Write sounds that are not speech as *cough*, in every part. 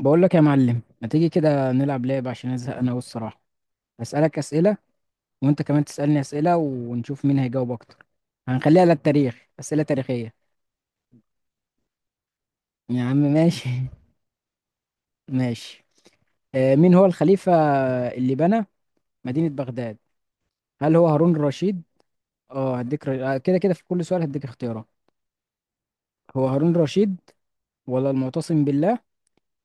بقول لك يا معلم، ما تيجي كده نلعب لعبة عشان ازهق انا والصراحة. هسألك أسئلة، وانت كمان تسألني أسئلة، ونشوف مين هيجاوب اكتر. هنخليها للتاريخ، أسئلة تاريخية. يا عم ماشي. *laughs* ماشي. مين هو الخليفة اللي بنى مدينة بغداد؟ هل هو هارون الرشيد؟ اه، هديك. ر... آه، كده كده في كل سؤال هديك اختيارات. هو هارون الرشيد، ولا المعتصم بالله،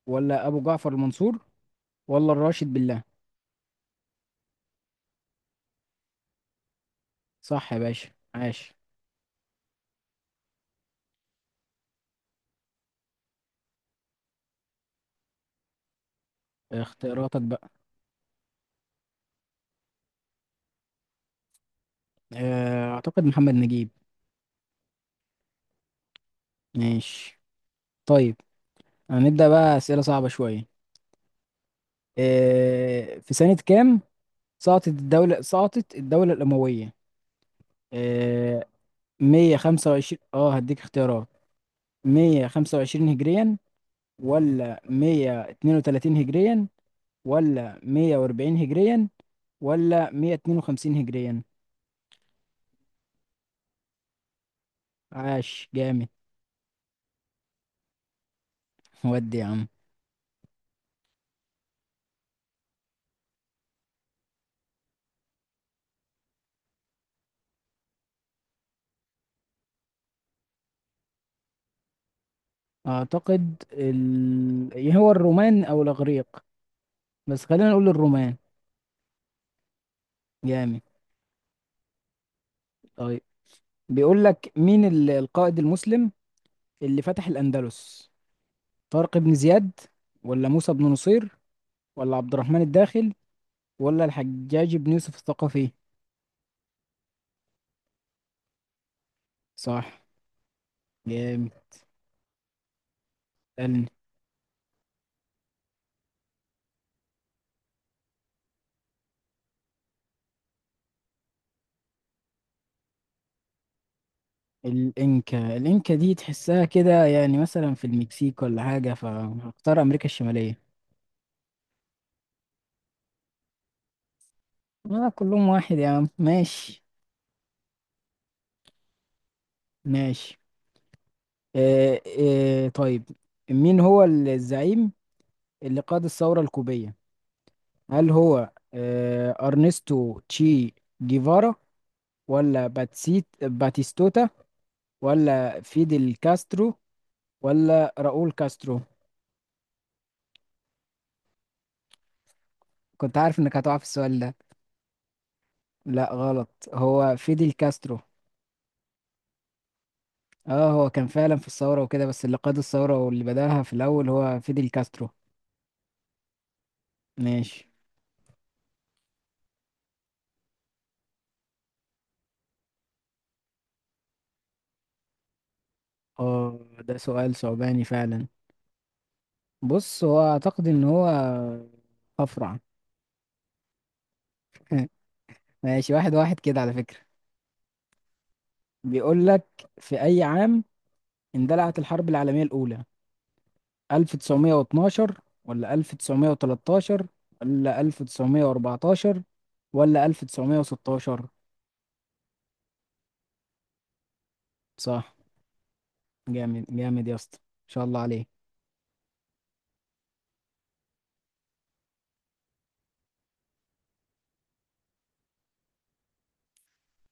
ولا ابو جعفر المنصور، ولا الراشد بالله؟ صح يا باشا، عاش. اختياراتك بقى. اعتقد محمد نجيب. ماشي، طيب. هنبدأ بقى أسئلة صعبة شوية. في سنة كام سقطت الدولة الأموية؟ آه، 125. اه، هديك اختيارات. 125 هجريا، ولا 132 هجريا، ولا 140 هجريا، ولا 152 هجريا؟ عاش، جامد. ودي يا عم. أعتقد إيه هو الرومان أو الإغريق، بس خلينا نقول الرومان. جامد، طيب. بيقول لك مين القائد المسلم اللي فتح الأندلس؟ طارق بن زياد، ولا موسى بن نصير، ولا عبد الرحمن الداخل، ولا الحجاج بن يوسف الثقفي؟ صح، جامد. اسألني. الإنكا دي تحسها كده يعني مثلا في المكسيك ولا حاجة، فهختار أمريكا الشمالية. كلهم واحد يا عم، ماشي. ماشي. آه طيب. مين هو الزعيم اللي قاد الثورة الكوبية؟ هل هو أرنستو تشي جيفارا، ولا باتسيت باتيستوتا، ولا فيدل كاسترو، ولا راؤول كاسترو؟ كنت عارف انك هتقع في السؤال ده. لا، غلط، هو فيدل كاسترو. اه، هو كان فعلا في الثورة وكده، بس اللي قاد الثورة واللي بدأها في الأول هو فيدل كاسترو. ماشي. اه، ده سؤال صعباني فعلا. بص، هو أعتقد إن هو أفرع. *laughs* ماشي، واحد واحد كده على فكرة. بيقول لك في أي عام اندلعت الحرب العالمية الأولى؟ 1912، ولا 1913، ولا 1914، ولا 1916؟ صح. جامد جامد يا اسطى، ان شاء الله عليك.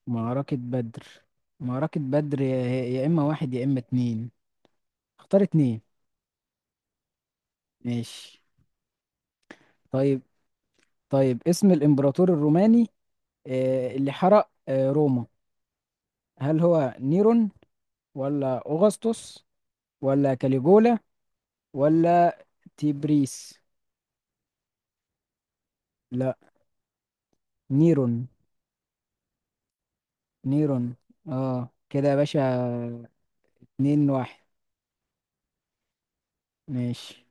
معركة بدر معركة بدر، يا اما واحد يا اما اتنين. اختار اتنين. ماشي، طيب. طيب، اسم الامبراطور الروماني اللي حرق روما؟ هل هو نيرون، ولا اوغسطس، ولا كاليجولا، ولا تيبريس؟ لا، نيرون. نيرون. اه، كده يا باشا، اتنين واحد. ماشي.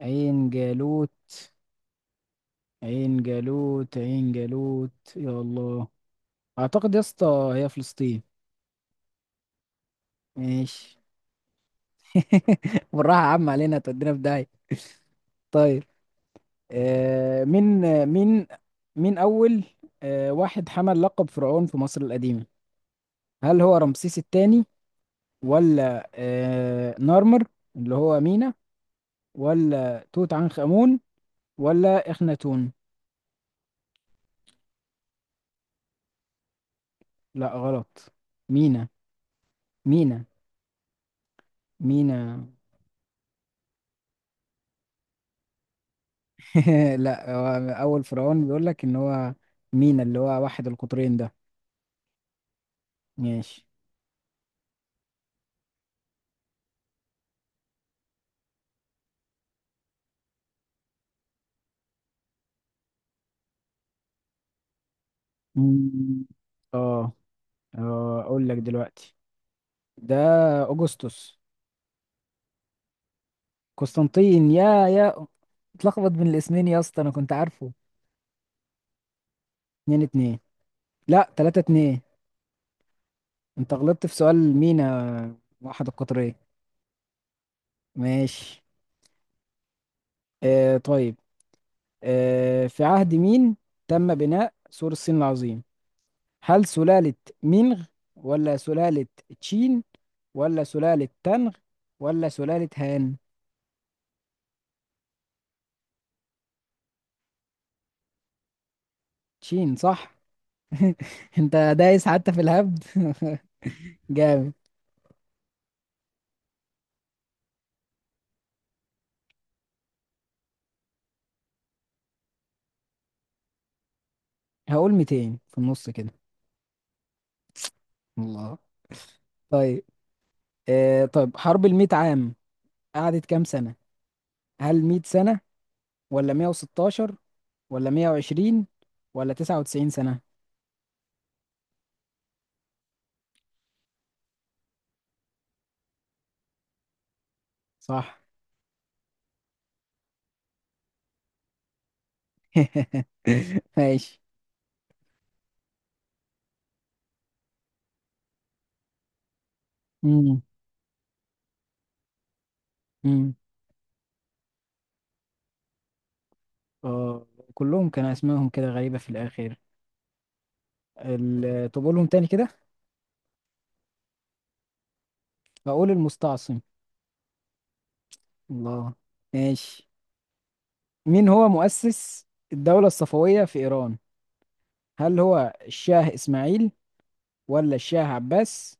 عين جالوت عين جالوت عين جالوت، يا الله. اعتقد يا اسطى هي فلسطين. ماشي. *laughs* بالراحة يا عم علينا، تودينا في داهية. طيب. آه مين آه، مين مين اول واحد حمل لقب فرعون في مصر القديمة؟ هل هو رمسيس الثاني، ولا نارمر اللي هو مينا، ولا توت عنخ آمون، ولا إخناتون؟ لا، غلط. مينا مينا مينا. *laughs* لا، هو أول فرعون، بيقول لك إن هو مينا اللي هو واحد القطرين ده. ماشي. مم. اه أقول لك دلوقتي، ده أغسطس. قسطنطين. يا اتلخبط بين الاسمين يا اسطى، أنا كنت عارفه. اتنين اتنين. لا، تلاتة اتنين. أنت غلطت في سؤال مينا واحد القطرين. ماشي. طيب. في عهد مين تم بناء سور الصين العظيم؟ هل سلالة مينغ، ولا سلالة تشين، ولا سلالة تانغ، ولا سلالة هان؟ تشين، صح. *laughs* انت دايس حتى في الهبد. *laughs* جامد. هقول 200 في النص كده. الله. طيب. طب حرب الميت عام قعدت كام سنة؟ هل 100 سنة، ولا 116، ولا 120، ولا 99 سنة؟ صح. *laughs* ماشي. مم. مم. آه كلهم كان اسمائهم كده غريبة في الاخر. طب قولهم تاني كده. هقول المستعصم. الله. ماشي. مين هو مؤسس الدولة الصفوية في ايران؟ هل هو الشاه اسماعيل، ولا الشاه عباس،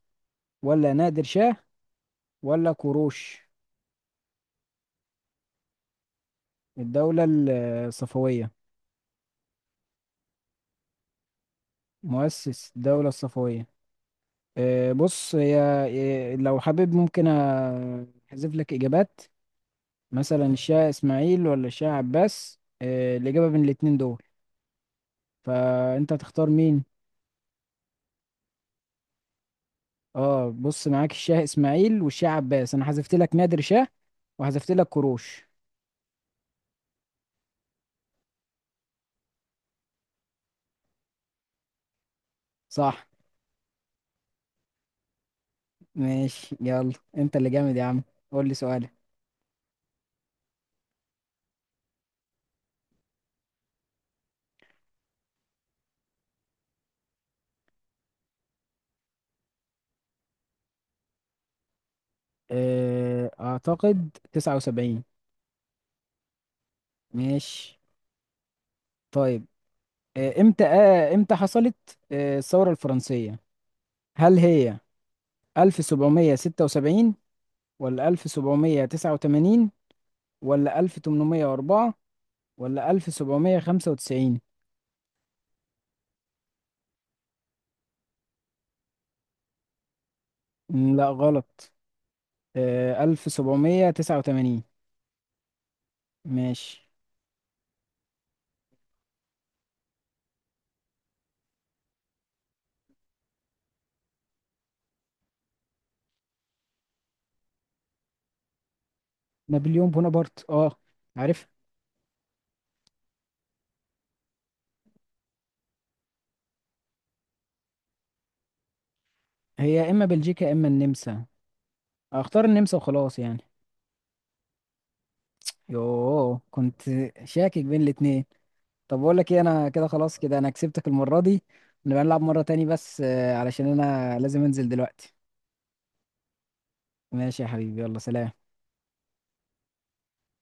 ولا نادر شاه، ولا كوروش؟ الدولة ال- الصفوية، مؤسس الدولة الصفوية. بص هي، لو حابب ممكن احذف لك اجابات. مثلا الشاه اسماعيل ولا الشاه عباس، الإجابة بين الاتنين دول، فانت هتختار مين؟ اه، بص، معاك الشاه اسماعيل والشاه عباس، انا حذفت لك نادر شاه، وحذفت لك كروش. صح. ماشي، يلا انت اللي جامد يا عم. قول لي سؤالك. اعتقد 79. ماشي، طيب. امتى حصلت الثورة الفرنسية؟ هل هي 1776، ولا 1789، ولا 1804، ولا 1795؟ لا، غلط. 1789. ماشي. نابليون بونابرت، اه، عارف. هي يا إما بلجيكا يا إما النمسا. أختار النمسا وخلاص يعني. يوه، كنت شاكك بين الاتنين. طب بقول لك ايه، أنا كده خلاص، كده أنا كسبتك المرة دي. نبقى نلعب مرة تاني، بس علشان أنا لازم أنزل دلوقتي. ماشي يا حبيبي، يلا سلام.